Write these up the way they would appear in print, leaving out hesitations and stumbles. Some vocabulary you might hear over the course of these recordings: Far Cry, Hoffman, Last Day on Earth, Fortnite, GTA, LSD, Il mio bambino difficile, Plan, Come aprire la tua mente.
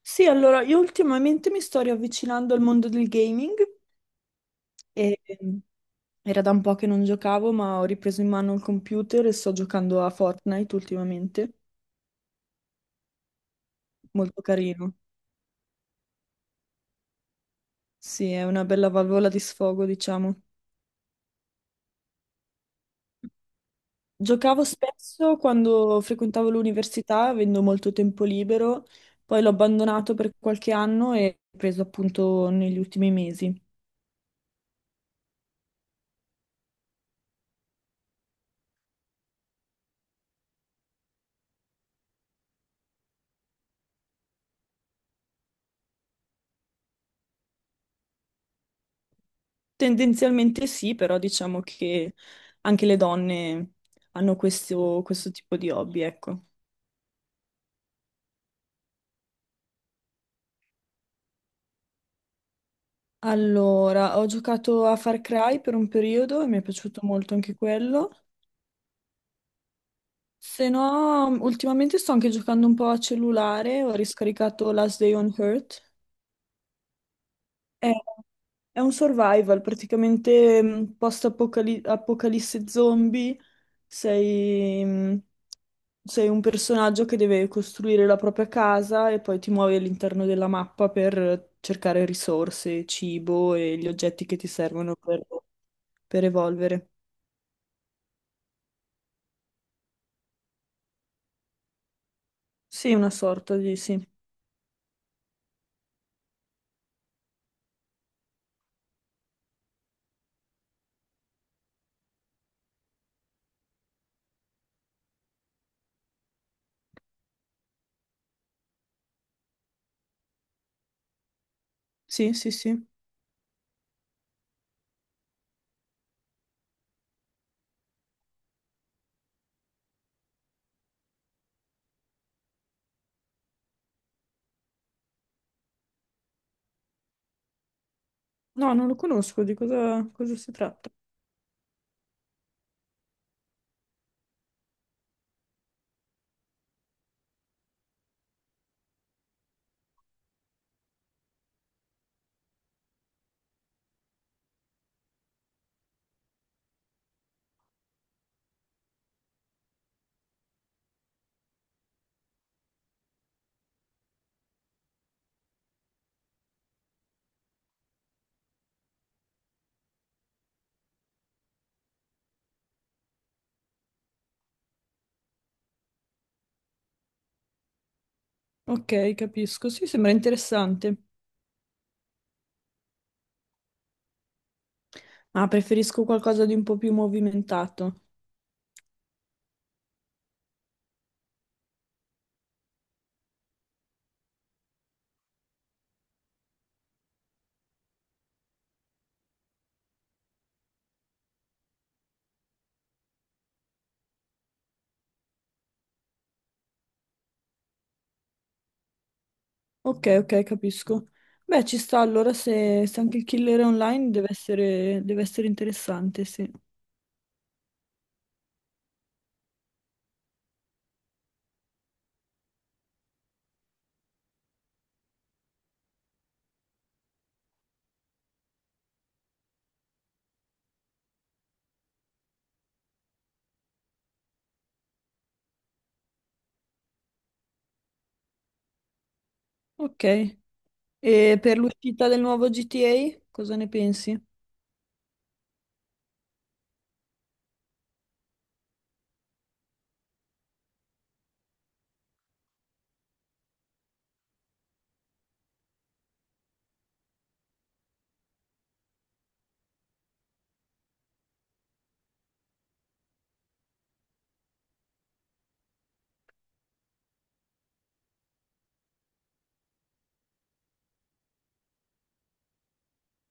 Sì, allora io ultimamente mi sto riavvicinando al mondo del gaming e era da un po' che non giocavo, ma ho ripreso in mano il computer e sto giocando a Fortnite ultimamente. Molto carino. Sì, è una bella valvola di sfogo, diciamo. Giocavo spesso quando frequentavo l'università, avendo molto tempo libero, poi l'ho abbandonato per qualche anno e ho preso appunto negli ultimi mesi. Tendenzialmente sì, però diciamo che anche le donne hanno questo tipo di hobby, ecco. Allora, ho giocato a Far Cry per un periodo e mi è piaciuto molto anche quello. Se no, ultimamente sto anche giocando un po' a cellulare, ho riscaricato Last Day on Earth. È, è un survival, praticamente post-apocalisse zombie, sei... mh, sei un personaggio che deve costruire la propria casa e poi ti muovi all'interno della mappa per cercare risorse, cibo e gli oggetti che ti servono per evolvere. Sì, una sorta di sì. Sì, sì, sì. No, non lo conosco, di cosa si tratta? Ok, capisco. Sì, sembra interessante. Ah, preferisco qualcosa di un po' più movimentato. Ok, ok, capisco. Beh, ci sta allora se anche il killer è online deve essere interessante, sì. Ok. E per l'uscita del nuovo GTA, cosa ne pensi?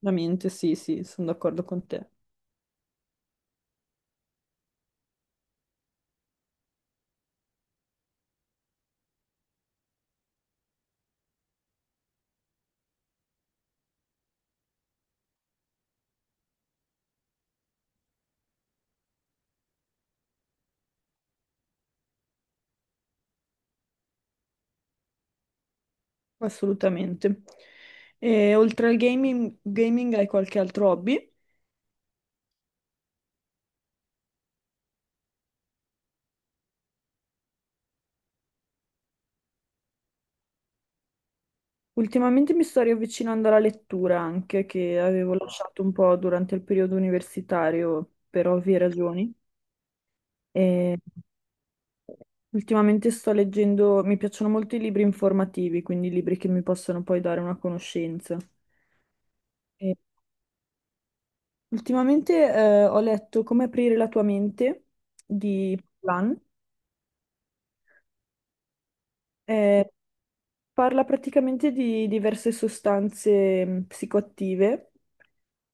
Ovviamente, sì, sì, sono d'accordo con te, assolutamente. E oltre al gaming hai qualche altro hobby? Ultimamente mi sto riavvicinando alla lettura anche, che avevo lasciato un po' durante il periodo universitario per ovvie ragioni. E ultimamente sto leggendo, mi piacciono molto i libri informativi, quindi libri che mi possono poi dare una conoscenza. Ultimamente ho letto Come aprire la tua mente di Plan. Eh, parla praticamente di diverse sostanze psicoattive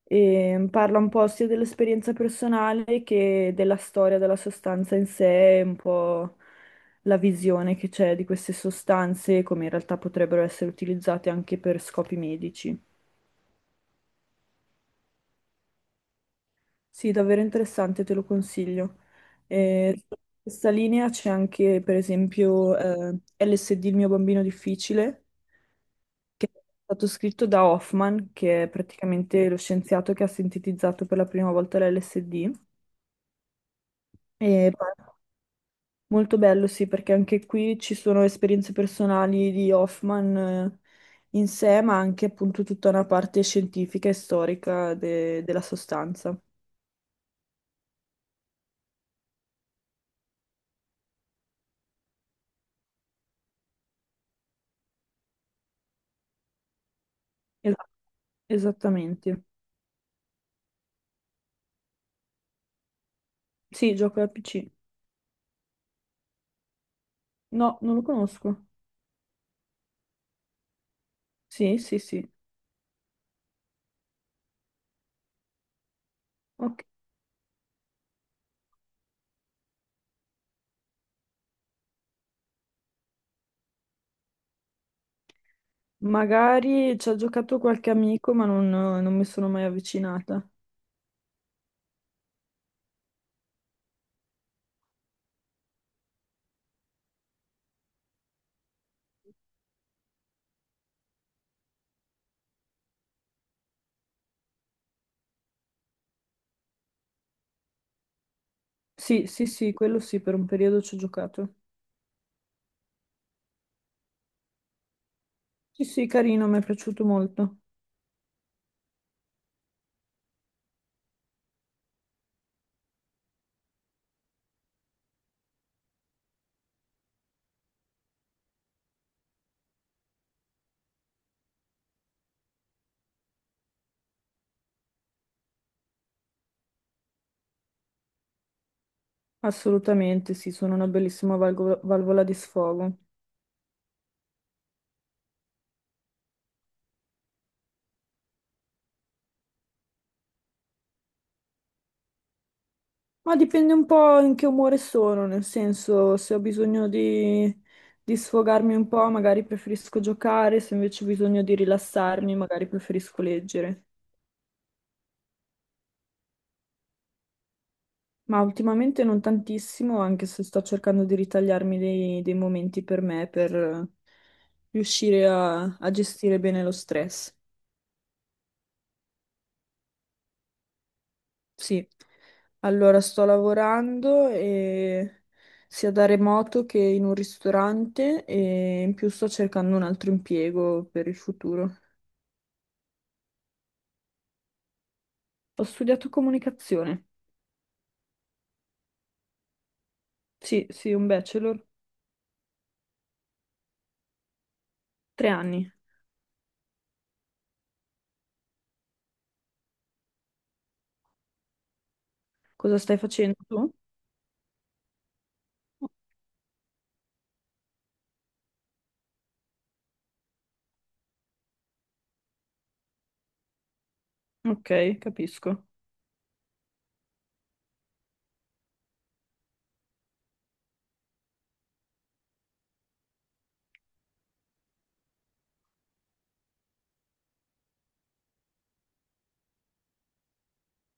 e parla un po' sia dell'esperienza personale che della storia della sostanza in sé, e un po' la visione che c'è di queste sostanze, come in realtà potrebbero essere utilizzate anche per scopi medici. Sì, davvero interessante, te lo consiglio. Sì. Su questa linea c'è anche, per esempio, LSD, il mio bambino difficile, che è stato scritto da Hoffman, che è praticamente lo scienziato che ha sintetizzato per la prima volta l'LSD. E pa- Molto bello, sì, perché anche qui ci sono esperienze personali di Hoffman, in sé, ma anche appunto tutta una parte scientifica e storica della sostanza. Es- esattamente. Sì, gioco al PC. No, non lo conosco. Sì, sì, sì. Ok. Magari ci ha giocato qualche amico, ma non mi sono mai avvicinata. Sì, sì, sì, quello sì, per un periodo ci ho giocato. Sì, sì, carino, mi è piaciuto molto. Assolutamente, sì, sono una bellissima valvola di sfogo. Ma dipende un po' in che umore sono, nel senso, se ho bisogno di sfogarmi un po', magari preferisco giocare, se invece ho bisogno di rilassarmi, magari preferisco leggere. Ma ultimamente non tantissimo, anche se sto cercando di ritagliarmi dei momenti per me, per riuscire a gestire bene lo stress. Sì, allora sto sia da remoto che in un ristorante e in più sto cercando un altro impiego per il futuro. Ho studiato comunicazione. Sì, sì, un bachelor, 3 anni. Cosa stai facendo tu? Ok, capisco.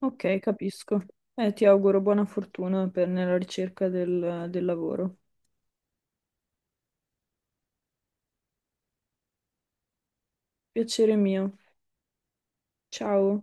Ok, capisco. Ti auguro buona fortuna nella ricerca del del lavoro. Piacere mio. Ciao.